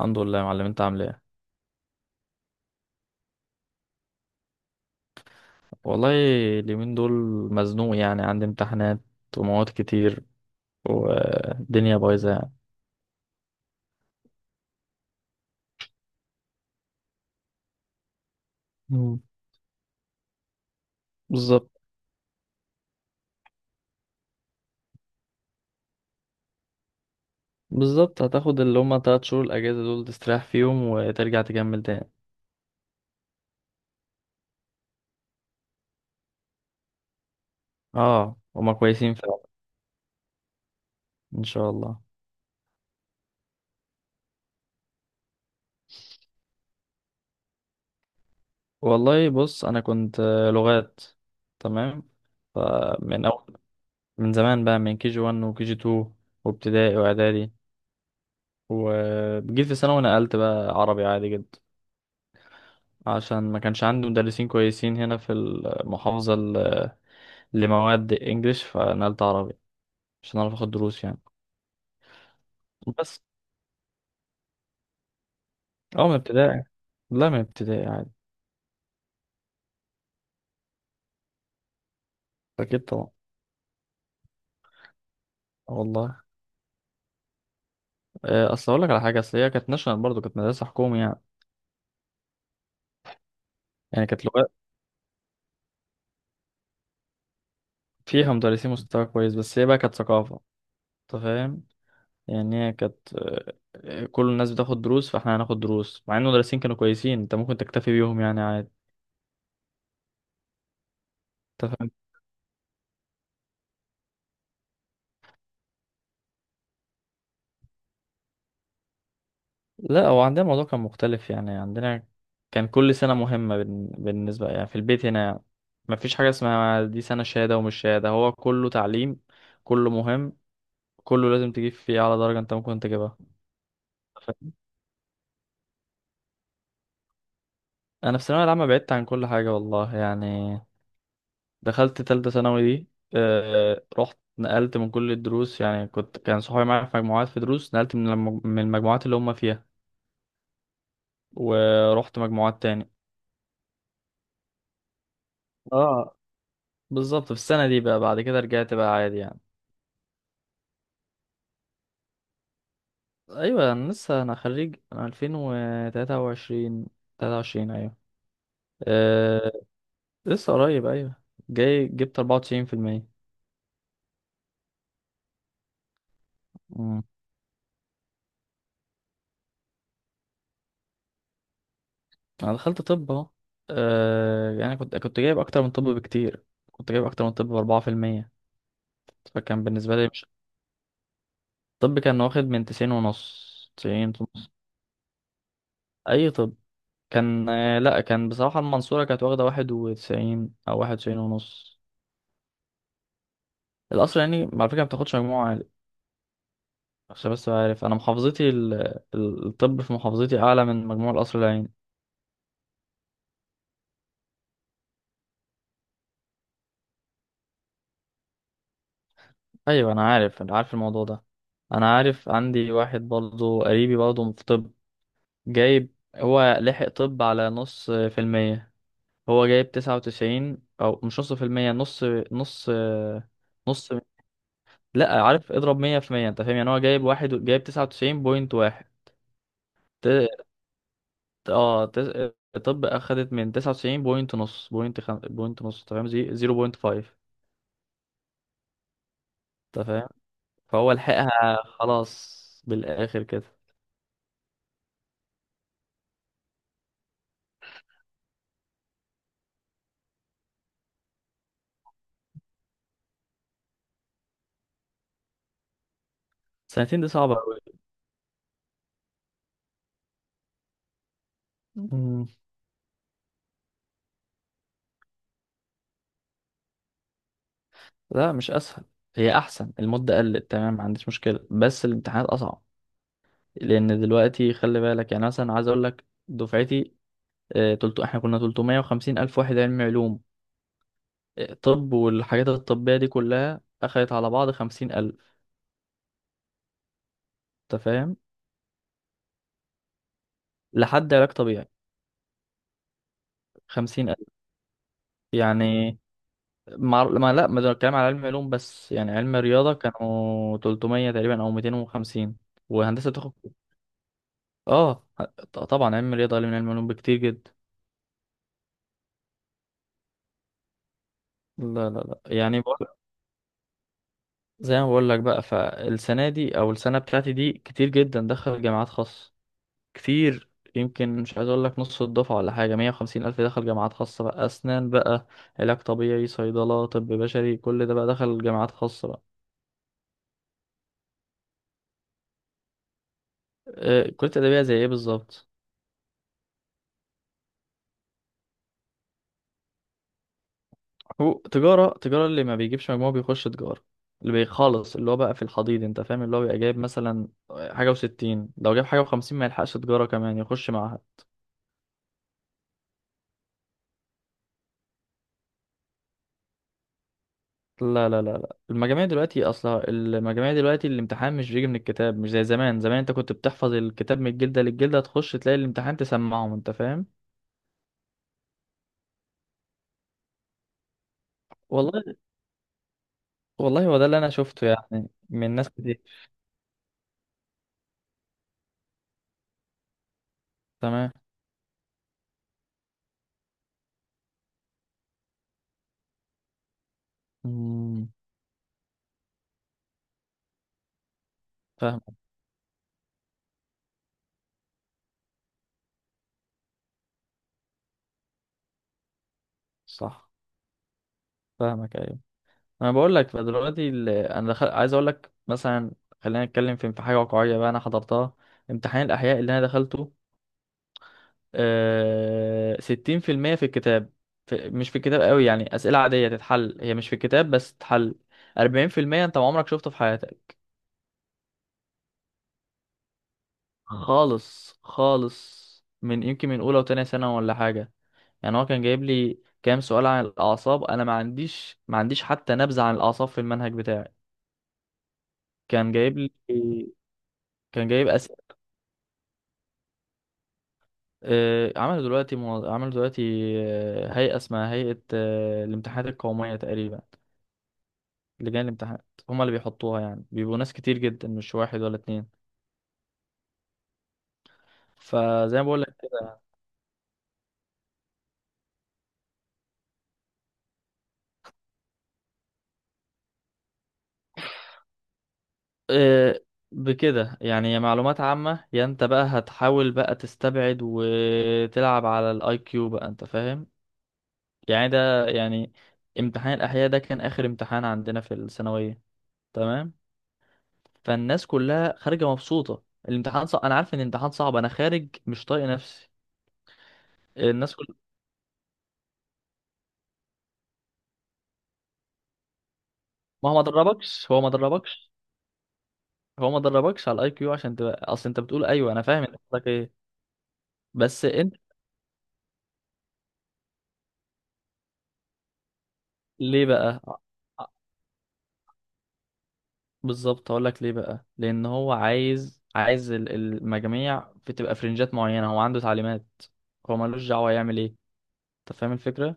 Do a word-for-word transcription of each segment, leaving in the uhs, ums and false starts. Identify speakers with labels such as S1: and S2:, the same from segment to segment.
S1: الحمد لله يا معلم، انت عامل ايه؟ والله اليومين دول مزنوق يعني، عندي امتحانات ومواد كتير والدنيا بايظه يعني. مم. بالظبط. بالظبط، هتاخد اللي هما تلات شهور الاجازه دول، تستريح فيهم وترجع تكمل تاني. اه هما كويسين فعلا. ان شاء الله. والله بص، انا كنت آه، لغات. تمام. فمن اول من زمان بقى، من كي جي واحد وكي جي اتنين وابتدائي واعدادي، وجيت في ثانوي نقلت بقى عربي عادي جدا، عشان ما كانش عندي مدرسين كويسين هنا في المحافظة ل- لمواد انجليش، فنقلت عربي عشان اعرف اخد دروس يعني. بس اه من ابتدائي، لا من ابتدائي عادي. اكيد طبعا. آه والله. آه، اصل اقول لك على حاجه، اصل هي كانت ناشونال برضه، كانت مدرسه حكومي يعني. يعني كانت لغات. فيها مدرسين مستوى كويس، بس هي بقى كانت ثقافه. انت فاهم؟ يعني هي كانت آه، آه، كل الناس بتاخد دروس، فاحنا هناخد دروس مع ان المدرسين كانوا كويسين، انت ممكن تكتفي بيهم يعني عادي. انت. لا، هو عندنا الموضوع كان مختلف يعني. عندنا كان كل سنة مهمة بالن- بالنسبة يعني في البيت هنا، ما فيش حاجة اسمها دي سنة شهادة ومش شهادة، هو كله تعليم، كله مهم، كله لازم تجيب فيه أعلى درجة أنت ممكن تجيبها. ف- أنا في الثانوية العامة بعدت عن كل حاجة والله يعني. دخلت تالتة ثانوي دي، آه، رحت نقلت من كل الدروس يعني. كنت كان صحابي معايا في مجموعات في دروس، نقلت من الم- من المجموعات اللي هم فيها ورحت مجموعات تاني. اه، بالظبط. في السنة دي بقى، بعد كده رجعت بقى عادي يعني. ايوه انا لسه، انا خريج، انا الفين وتلاتة. تلاتة وعشرين ايوه. أه لسه قريب. ايوه جاي جبت اربعة وتسعين في المية. امم، انا دخلت طب اهو. أه يعني كنت كنت جايب اكتر من طب بكتير. كنت جايب اكتر من طب ب اربعة في المية. فكان بالنسبه لي مش... طب كان واخد من تسعين ونص، تسعين ونص. اي طب؟ كان آه، لا، كان بصراحه المنصوره كانت واخده واحد وتسعين او واحد وتسعين ونص. الاصل يعني على فكره ما بتاخدش مجموعه عشان بس، عارف انا محافظتي ال... ال- الطب في محافظتي اعلى من مجموع القصر العيني. ايوه انا عارف، انا عارف الموضوع ده. انا عارف عندي واحد برضه قريبي برضه في طب، جايب هو لحق طب على نص في المية. هو جايب تسعة وتسعين، او مش نص في المية، نص. نص. نص. لا، عارف اضرب مية في مية؟ انت فاهم يعني؟ هو جايب، واحد جايب تسعة وتسعين بوينت واحد. ت- اه تس... طب اخدت من تسعة وتسعين بوينت نص، بوينت خم... بوينت نص تمام، زي... زيرو بوينت فايف. فهو لحقها خلاص بالآخر كده. سنتين دي صعبة أوي. مم. لا مش اسهل، هي احسن. المدة قلت تمام، ما عنديش مشكلة، بس الامتحانات اصعب. لان دلوقتي خلي بالك، يعني مثلا عايز اقول لك دفعتي، آه، تلتو احنا كنا ثلاثمائة وخمسين الف واحد علمي علوم. آه، طب والحاجات الطبية دي كلها اخدت على بعض خمسين الف. انت فاهم؟ لحد علاج طبيعي خمسين الف يعني. مع... ما لا ما ده الكلام على علم علوم بس يعني. علم رياضة كانوا تلتميه تقريبا او ميتين وخمسين، وهندسة تاخد. اه، ط- طبعا علم رياضة اقل من علم علوم بكتير جدا. لا لا لا، يعني بقول... زي ما بقول لك بقى، فالسنة دي او السنة بتاعتي دي كتير جدا دخل جامعات خاصة. كتير. يمكن مش عايز اقول لك نص الدفعة ولا حاجة، ميه وخمسين الف دخل جامعات خاصة بقى، اسنان بقى، علاج طبيعي، صيدلة، طب بشري، كل ده بقى دخل جامعات خاصة بقى. آه، كلية ادبية زي ايه بالظبط؟ هو تجارة، تجارة اللي ما بيجيبش مجموع بيخش تجارة، اللي بيخلص اللي هو بقى في الحضيض. انت فاهم؟ اللي هو بيبقى جايب مثلا حاجة وستين، لو جايب حاجة وخمسين ما يلحقش تجارة كمان يخش معاها. لا لا لا لا، المجاميع دلوقتي اصلا، المجاميع دلوقتي الامتحان مش بيجي من الكتاب، مش زي زمان. زمان انت كنت بتحفظ الكتاب من الجلدة للجلدة، تخش تلاقي الامتحان تسمعهم. انت فاهم؟ والله. والله هو ده اللي انا شفته يعني من ناس كتير. تمام. مم، فاهمك. صح، فاهمك. انا بقول لك، فدلوقتي ال- انا دخل... عايز اقول لك مثلا، خلينا نتكلم في في حاجه واقعيه بقى، انا حضرتها. امتحان الاحياء اللي انا دخلته، آه... ستين في المية في الكتاب. في... مش في الكتاب قوي يعني، اسئله عاديه تتحل، هي مش في الكتاب بس تتحل. أربعين في المية انت ما عمرك شفته في حياتك. خالص خالص. من يمكن من اولى وتانية سنه ولا حاجه. يعني هو كان جايب لي كام سؤال عن الاعصاب، انا ما عنديش، ما عنديش حتى نبذه عن الاعصاب في المنهج بتاعي. كان جايب لي. كان جايب، آه، عملوا دلوقتي مو... عملوا دلوقتي آه، هيئة اسمها هيئة آه، الامتحانات القومية تقريبا. لجان الامتحانات هما اللي بيحطوها يعني، بيبقوا ناس كتير جدا، مش واحد ولا اتنين. فزي ما بقول لك، آه، بكده يعني، يا معلومات عامة، يا انت بقى هتحاول بقى تستبعد وتلعب على الاي كيو بقى. انت فاهم؟ يعني ده يعني امتحان الاحياء ده كان اخر امتحان عندنا في الثانوية. تمام. فالناس كلها خارجة مبسوطة، الامتحان صعب. انا عارف ان الامتحان صعب. انا خارج مش طايق نفسي. الناس كل. ما هو ما دربكش هو ما دربكش هو ما دربكش على الاي كيو عشان تبقى، اصل انت بتقول ايوه انا فاهم، انت قصدك ايه. بس انت ليه بقى؟ ع- بالظبط، هقول لك ليه بقى. لان هو عايز، عايز ال- المجاميع بتبقى فرنجات معينه، هو عنده تعليمات، هو ملوش دعوه يعمل ايه. انت فاهم الفكره؟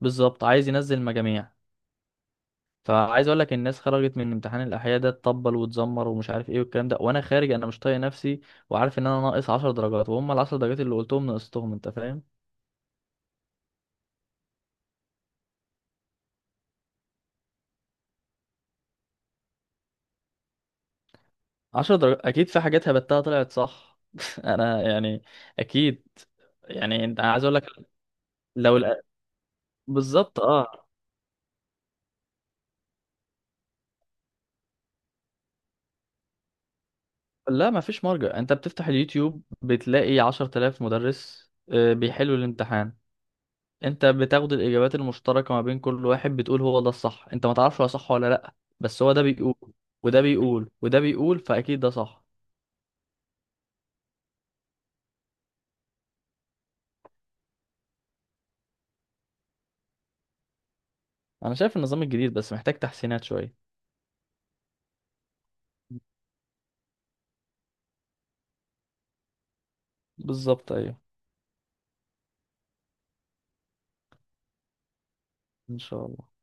S1: بالظبط، عايز ينزل مجاميع. فعايز اقول لك الناس خرجت من امتحان الاحياء ده تطبل وتزمر ومش عارف ايه والكلام ده، وانا خارج انا مش طايق نفسي، وعارف ان انا ناقص عشر درجات، وهم ال عشر درجات اللي قلتهم نقصتهم. انت فاهم؟ عشر درجات اكيد، في حاجات هبتها طلعت صح. انا يعني، اكيد يعني. انت عايز اقول لك لو الأ- بالظبط اه. لا ما فيش مرجع، انت بتفتح اليوتيوب بتلاقي عشرة آلاف مدرس، آه، بيحلوا الامتحان. انت بتاخد الاجابات المشتركه ما بين كل واحد، بتقول هو ده الصح، انت ما تعرفش هو صح ولا لا. بس هو ده بيقول، وده بيقول، وده بيقول، فاكيد ده صح. انا شايف النظام الجديد بس محتاج تحسينات شويه. بالظبط ايوه. ان شاء الله.